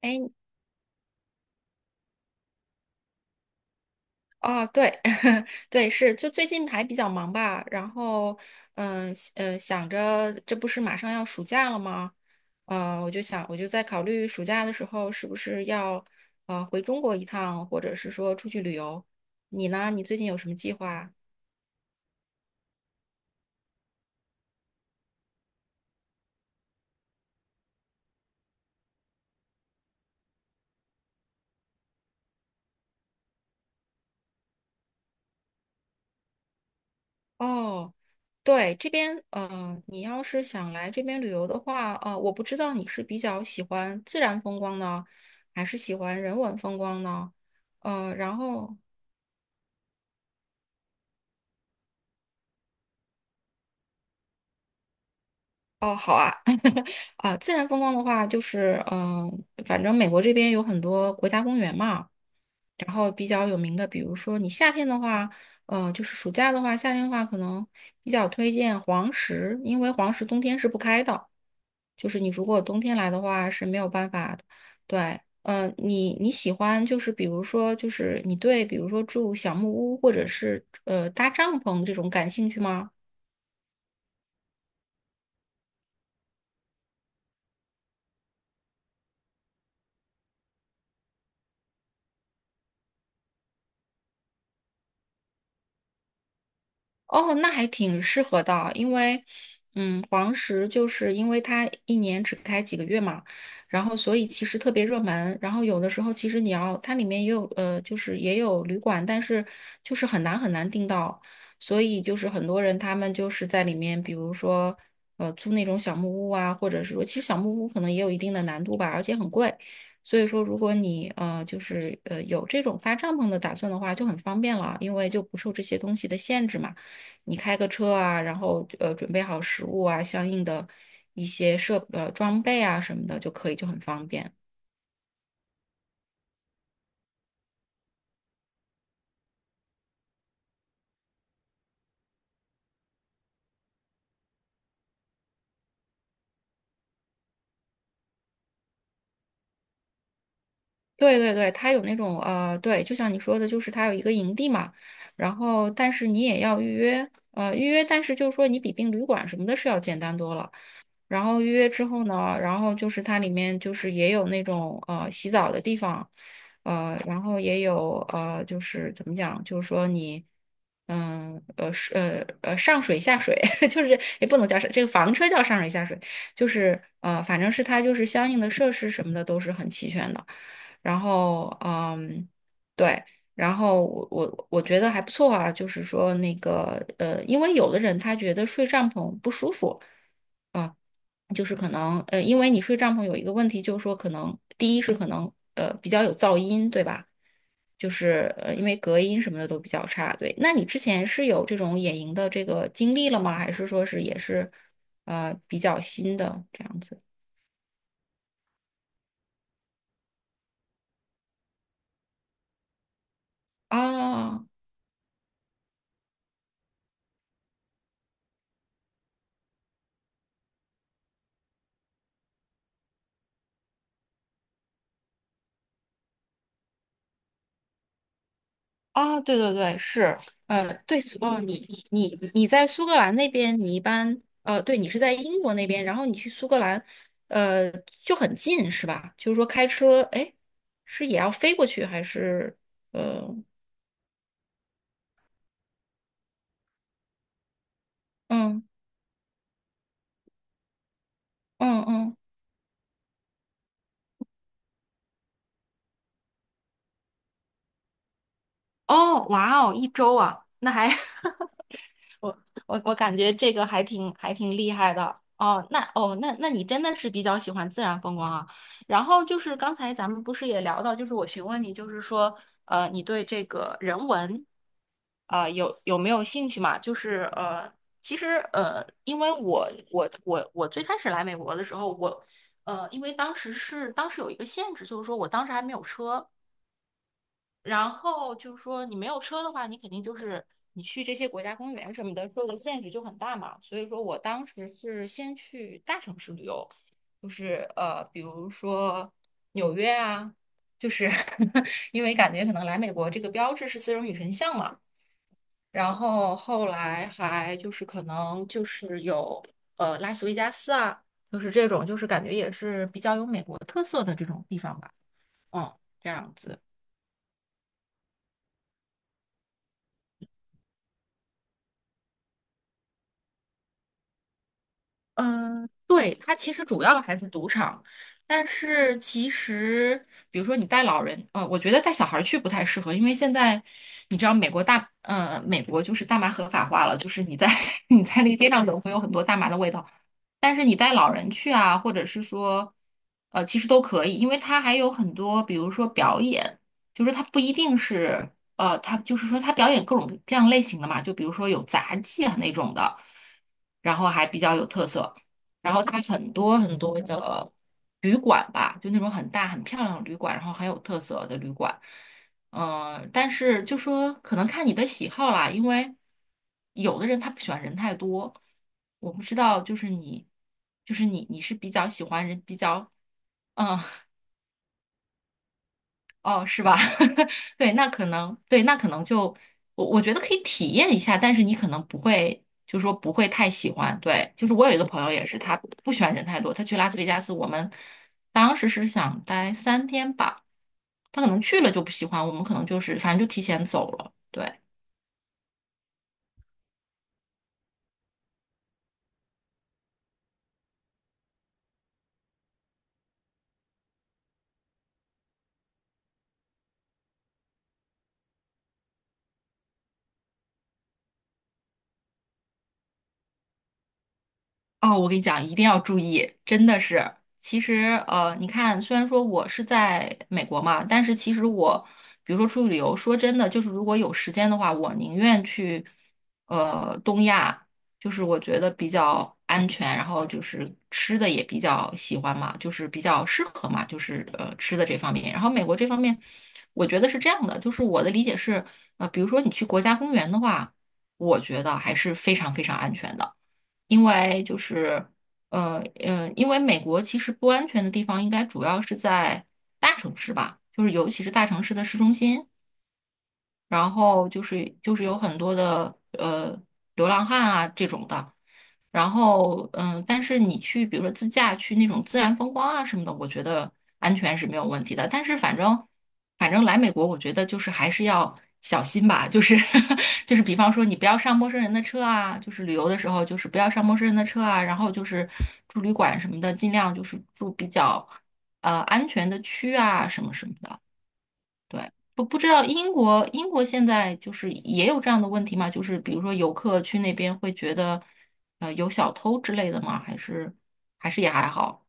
哎，哦，对，对，是，就最近还比较忙吧，然后，想着这不是马上要暑假了吗？我就想，我就在考虑暑假的时候是不是要回中国一趟，或者是说出去旅游。你呢？你最近有什么计划？哦，对，这边，你要是想来这边旅游的话，我不知道你是比较喜欢自然风光呢，还是喜欢人文风光呢？呃，然后。哦，好啊，啊，自然风光的话，反正美国这边有很多国家公园嘛，然后比较有名的，比如说你夏天的话，就是暑假的话，夏天的话可能比较推荐黄石，因为黄石冬天是不开的，就是你如果冬天来的话是没有办法的。对，你喜欢就是比如说就是你对比如说住小木屋或者是搭帐篷这种感兴趣吗？哦，那还挺适合的，因为，嗯，黄石就是因为它一年只开几个月嘛，然后所以其实特别热门，然后有的时候其实你要它里面也有就是也有旅馆，但是就是很难订到，所以就是很多人他们就是在里面，比如说租那种小木屋啊，或者是说其实小木屋可能也有一定的难度吧，而且很贵，所以说如果你有这种搭帐篷的打算的话，就很方便了，因为就不受这些东西的限制嘛。你开个车啊，然后准备好食物啊，相应的一些装备啊什么的就可以，就很方便。对对对，它有那种,对，就像你说的，就是它有一个营地嘛，然后但是你也要预约，预约,但是就是说你比订旅馆什么的是要简单多了。然后预约之后呢，然后就是它里面就是也有那种洗澡的地方，然后也有就是怎么讲，就是说你上水下水，就是也不能叫上这个房车叫上水下水，就是反正是它就是相应的设施什么的都是很齐全的，然后嗯对。然后我觉得还不错啊，就是说那个,因为有的人他觉得睡帐篷不舒服，啊。就是可能,因为你睡帐篷有一个问题，就是说可能第一是可能比较有噪音，对吧？就是因为隔音什么的都比较差，对。那你之前是有这种野营的这个经历了吗？还是说是也是比较新的这样子？啊？啊，对对对，是，哦，你在苏格兰那边，你一般，你是在英国那边，然后你去苏格兰，呃，就很近是吧？就是说开车，哎，是也要飞过去还是，呃，嗯嗯嗯，哦，哇哦，一周啊，那还 我我感觉这个还挺厉害的哦。那那你真的是比较喜欢自然风光啊。然后就是刚才咱们不是也聊到，就是我询问你，就是说你对这个人文啊、有没有兴趣嘛？其实,因为我最开始来美国的时候，我,因为当时是当时有一个限制，就是说我当时还没有车，然后就是说，你没有车的话，你肯定就是你去这些国家公园什么的，受的限制就很大嘛。所以说我当时是先去大城市旅游，就是比如说纽约啊，就是 因为感觉可能来美国这个标志是丝绒女神像嘛，然后后来还就是可能就是有拉斯维加斯啊，就是这种就是感觉也是比较有美国特色的这种地方吧，嗯，这样子。嗯，对，它其实主要还是赌场，但是其实，比如说你带老人，我觉得带小孩儿去不太适合，因为现在你知道美国就是大麻合法化了，就是你在 你在那个街上走会有很多大麻的味道，但是你带老人去啊，或者是说，其实都可以，因为它还有很多，比如说表演，就是它不一定是，它就是说它表演各种各样类型的嘛，就比如说有杂技啊那种的，然后还比较有特色，然后它很多很多的旅馆吧，就那种很大很漂亮的旅馆，然后很有特色的旅馆。但是就说可能看你的喜好啦，因为有的人他不喜欢人太多，我不知道，就是你,你是比较喜欢人比较，嗯，哦，是吧？对，那可能就我觉得可以体验一下，但是你可能不会，就说不会太喜欢。对，就是我有一个朋友也是，他不喜欢人太多，他去拉斯维加斯，我们当时是想待三天吧，他可能去了就不喜欢，我们可能就是反正就提前走了。对。哦，我跟你讲，一定要注意，真的是。其实,你看，虽然说我是在美国嘛，但是其实我，比如说出去旅游，说真的，就是如果有时间的话，我宁愿去，东亚，就是我觉得比较安全，然后就是吃的也比较喜欢嘛，就是比较适合嘛，就是吃的这方面。然后美国这方面，我觉得是这样的，就是我的理解是，比如说你去国家公园的话，我觉得还是非常非常安全的。因为就是因为美国其实不安全的地方应该主要是在大城市吧，就是尤其是大城市的市中心。然后就是有很多的流浪汉啊这种的，然后嗯，但是你去比如说自驾去那种自然风光啊什么的，我觉得安全是没有问题的。但是反正来美国，我觉得就是还是要小心吧，就是 就是比方说你不要上陌生人的车啊，就是旅游的时候就是不要上陌生人的车啊，然后就是住旅馆什么的，尽量就是住比较安全的区啊什么什么的。对，不知道英国现在就是也有这样的问题吗？就是比如说游客去那边会觉得，有小偷之类的吗？还是也还好？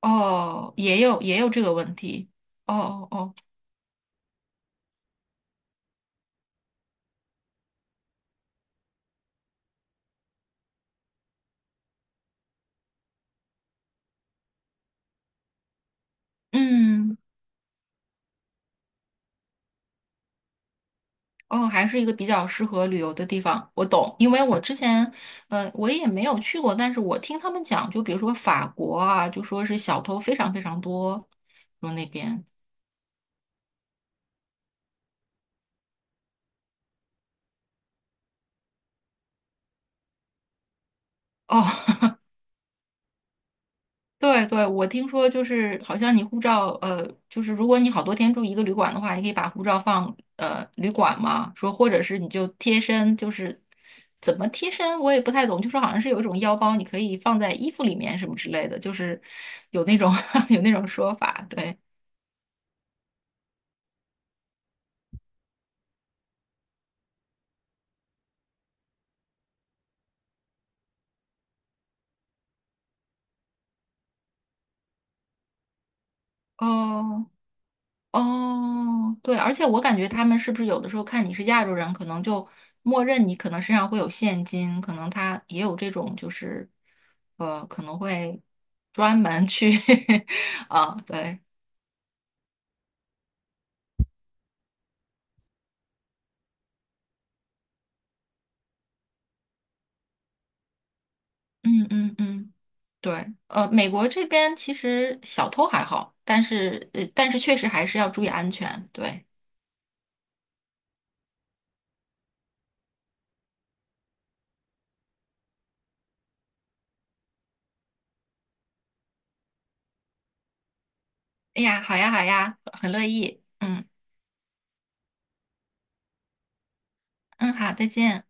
哦，也有这个问题。哦哦哦，嗯，哦，还是一个比较适合旅游的地方。我懂，因为我之前我也没有去过，但是我听他们讲，就比如说法国啊，就说是小偷非常非常多，说那边哦。对对，我听说就是好像你护照，就是如果你好多天住一个旅馆的话，你可以把护照放旅馆嘛，说或者是你就贴身，就是怎么贴身我也不太懂，就说好像是有一种腰包，你可以放在衣服里面什么之类的，就是有那种 有那种说法，对，哦，哦，对，而且我感觉他们是不是有的时候看你是亚洲人，可能就默认你可能身上会有现金，可能他也有这种就是，可能会专门去 啊，对，嗯嗯嗯，对，美国这边其实小偷还好，但是但是确实还是要注意安全，对。哎呀，好呀好呀，很乐意，嗯嗯，好，再见。